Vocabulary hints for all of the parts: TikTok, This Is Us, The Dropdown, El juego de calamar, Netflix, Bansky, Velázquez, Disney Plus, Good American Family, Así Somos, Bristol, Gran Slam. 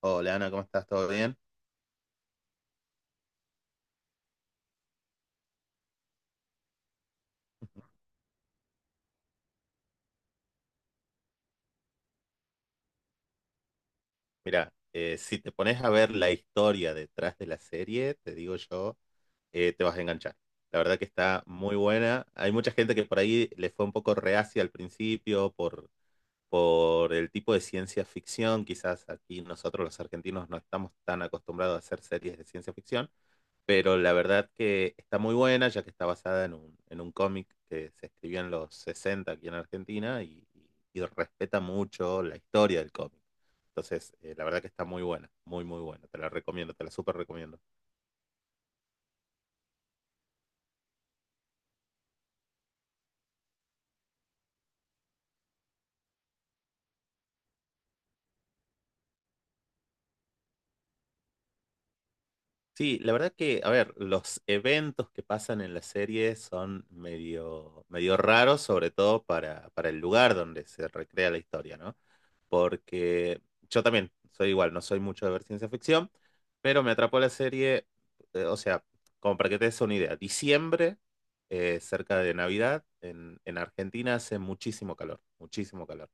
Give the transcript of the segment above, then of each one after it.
Hola Ana, ¿cómo estás? ¿Todo bien? Mira, si te pones a ver la historia detrás de la serie, te digo yo, te vas a enganchar. La verdad que está muy buena. Hay mucha gente que por ahí le fue un poco reacia al principio por el tipo de ciencia ficción, quizás aquí nosotros los argentinos no estamos tan acostumbrados a hacer series de ciencia ficción, pero la verdad que está muy buena, ya que está basada en en un cómic que se escribió en los 60 aquí en Argentina y respeta mucho la historia del cómic. Entonces, la verdad que está muy buena, muy, muy buena. Te la recomiendo, te la súper recomiendo. Sí, la verdad que, a ver, los eventos que pasan en la serie son medio, medio raros, sobre todo para el lugar donde se recrea la historia, ¿no? Porque yo también soy igual, no soy mucho de ver ciencia ficción, pero me atrapó la serie, o sea, como para que te des una idea, diciembre, cerca de Navidad, en Argentina hace muchísimo calor, muchísimo calor.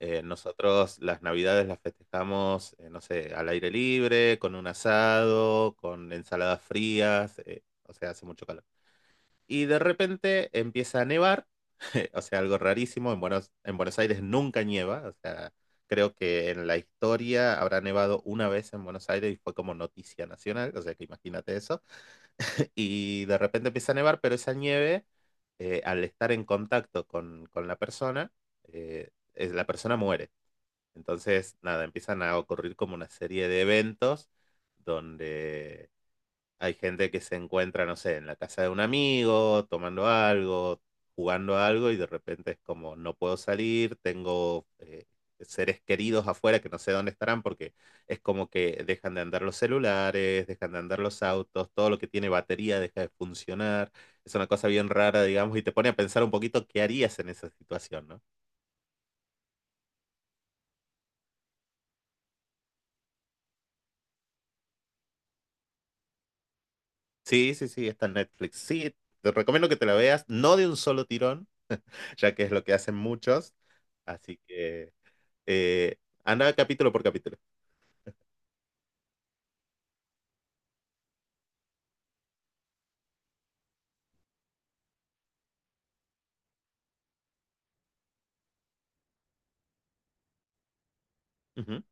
Nosotros las Navidades las festejamos, no sé, al aire libre, con un asado, con ensaladas frías, o sea, hace mucho calor. Y de repente empieza a nevar, o sea, algo rarísimo, en Buenos Aires nunca nieva, o sea, creo que en la historia habrá nevado una vez en Buenos Aires y fue como noticia nacional, o sea, que imagínate eso. Y de repente empieza a nevar, pero esa nieve, al estar en contacto con la persona, la persona muere. Entonces, nada, empiezan a ocurrir como una serie de eventos donde hay gente que se encuentra, no sé, en la casa de un amigo, tomando algo, jugando a algo y de repente es como, no puedo salir, tengo seres queridos afuera que no sé dónde estarán porque es como que dejan de andar los celulares, dejan de andar los autos, todo lo que tiene batería deja de funcionar. Es una cosa bien rara, digamos, y te pone a pensar un poquito qué harías en esa situación, no. Sí, sí, sí, está en Netflix. Sí, te recomiendo que te la veas, no de un solo tirón, ya que es lo que hacen muchos. Así que eh, anda capítulo por capítulo. Ujú.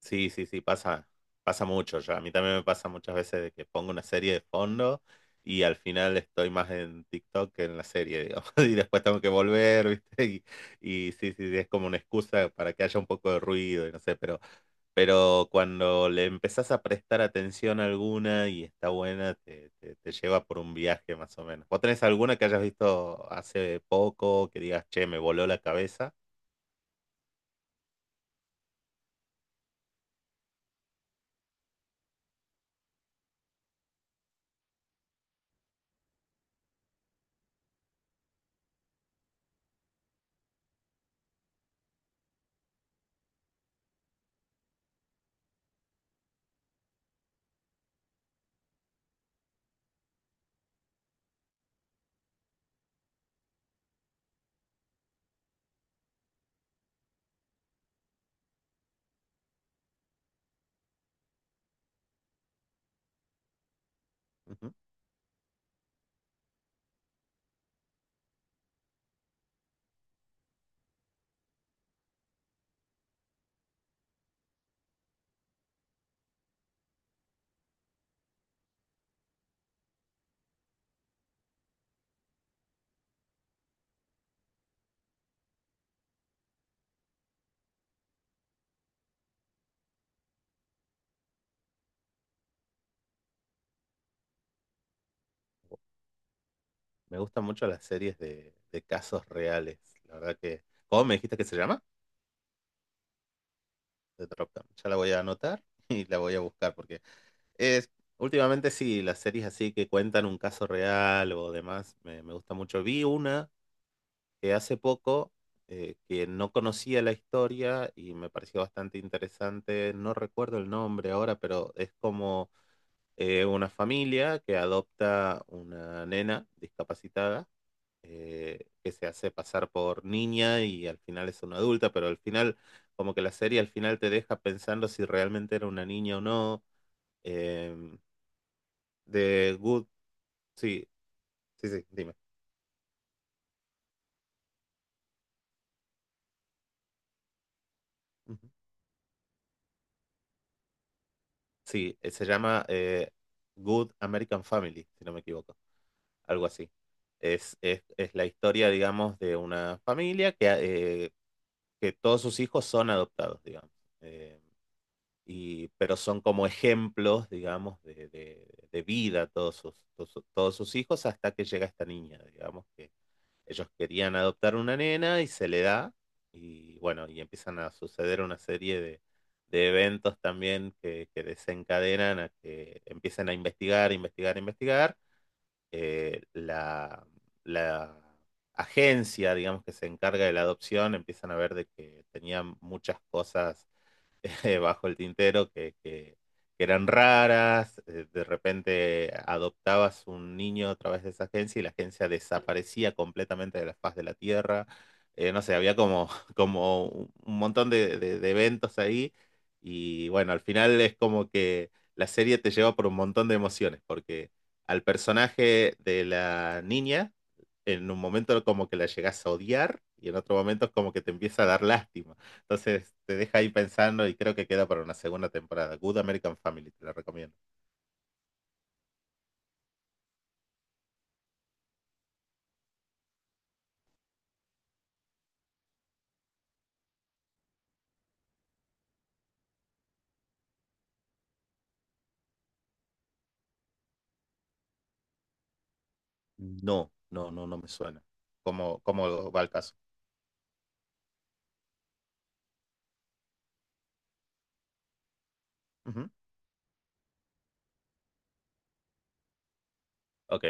Sí, sí, sí, pasa, pasa mucho ya. A mí también me pasa muchas veces de que pongo una serie de fondo y al final estoy más en TikTok que en la serie, digamos. Y después tengo que volver, ¿viste? Y, y, sí, sí, sí, es como una excusa para que haya un poco de ruido y no sé, pero cuando le empezás a prestar atención a alguna y está buena, te lleva por un viaje más o menos. ¿Vos tenés alguna que hayas visto hace poco que digas, che, me voló la cabeza? Ujú. Me gustan mucho las series de casos reales. La verdad que... ¿Cómo me dijiste que se llama? The Dropdown. Ya la voy a anotar y la voy a buscar porque es... Últimamente sí, las series así que cuentan un caso real o demás, me gusta mucho. Vi una hace poco que no conocía la historia y me pareció bastante interesante. No recuerdo el nombre ahora, pero es como una familia que adopta una nena discapacitada que se hace pasar por niña y al final es una adulta, pero al final, como que la serie al final te deja pensando si realmente era una niña o no. em, de Good, sí, sí, sí, dime. Sí, se llama Good American Family, si no me equivoco, algo así. Es la historia, digamos, de una familia eh, que todos sus hijos son adoptados, digamos. Eh, y pero son como ejemplos, digamos, de vida todos sus hijos hasta que llega esta niña, digamos, que ellos querían adoptar una nena y se le da, y bueno, y empiezan a suceder una serie de eventos también que desencadenan a que empiecen a investigar, investigar, investigar. Eh, la, la agencia, digamos, que se encarga de la adopción, empiezan a ver de que tenían muchas cosas bajo el tintero que eran raras, de repente adoptabas un niño a través de esa agencia y la agencia desaparecía completamente de la faz de la Tierra. No sé, había como, como un montón de eventos ahí y bueno, al final es como que la serie te lleva por un montón de emociones porque al personaje de la niña en un momento como que la llegas a odiar y en otro momento es como que te empieza a dar lástima. Entonces te deja ahí pensando y creo que queda para una segunda temporada. Good American Family, te la recomiendo. No, no, no, no me suena. ¿Cómo, cómo va el caso? Ujú. Ok.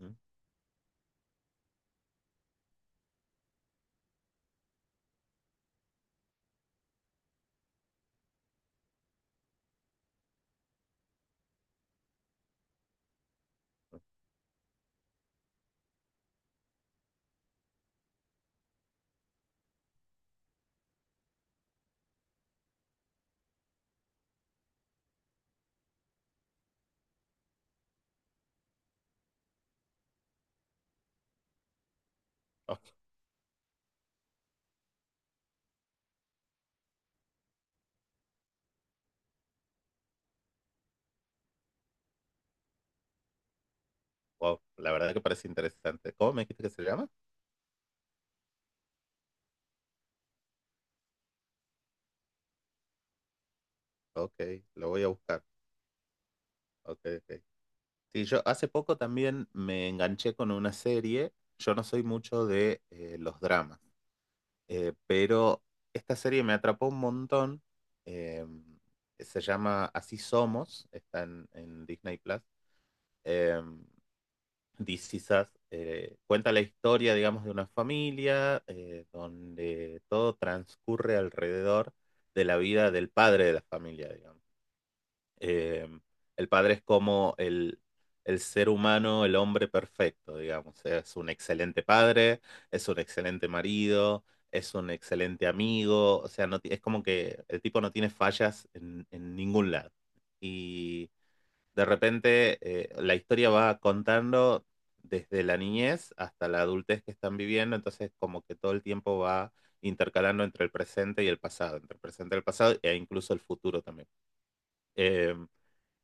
Mm. Oh, wow, la verdad que parece interesante. ¿Cómo me dijiste que se llama? Ok, lo voy a buscar. Ok, ok. Sí, yo hace poco también me enganché con una serie. Yo no soy mucho de los dramas, pero esta serie me atrapó un montón. em, se llama Así Somos, está en Disney Plus. Eh, This Is Us, cuenta la historia, digamos, de una familia donde todo transcurre alrededor de la vida del padre de la familia, digamos. Eh, el padre es como el ser humano, el hombre perfecto, digamos. Es un excelente padre, es un excelente marido, es un excelente amigo, o sea, no, es como que el tipo no tiene fallas en ningún lado. Y de repente la historia va contando desde la niñez hasta la adultez que están viviendo, entonces como que todo el tiempo va intercalando entre el presente y el pasado, entre el presente y el pasado e incluso el futuro también. Eh,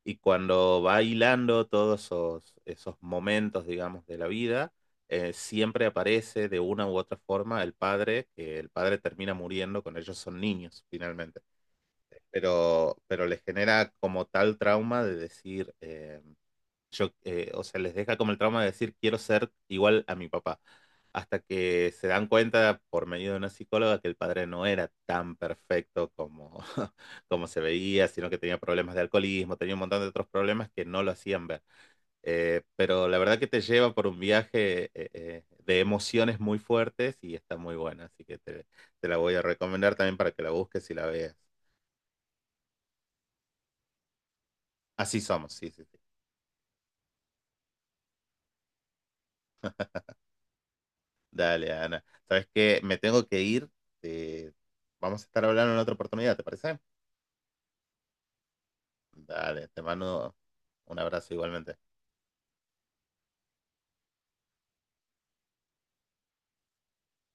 y cuando va hilando todos esos momentos, digamos, de la vida, siempre aparece de una u otra forma el padre, que el padre termina muriendo con ellos, son niños finalmente, pero les genera como tal trauma de decir... o sea, les deja como el trauma de decir quiero ser igual a mi papá, hasta que se dan cuenta por medio de una psicóloga que el padre no era tan perfecto como, como se veía, sino que tenía problemas de alcoholismo, tenía un montón de otros problemas que no lo hacían ver. Pero la verdad que te lleva por un viaje de emociones muy fuertes y está muy buena, así que te la voy a recomendar también para que la busques y la veas. Así somos, sí, sí, sí. Dale, Ana. ¿Sabes qué? Me tengo que ir. eh, vamos a estar hablando en otra oportunidad, ¿te parece? Dale, te mando un abrazo igualmente.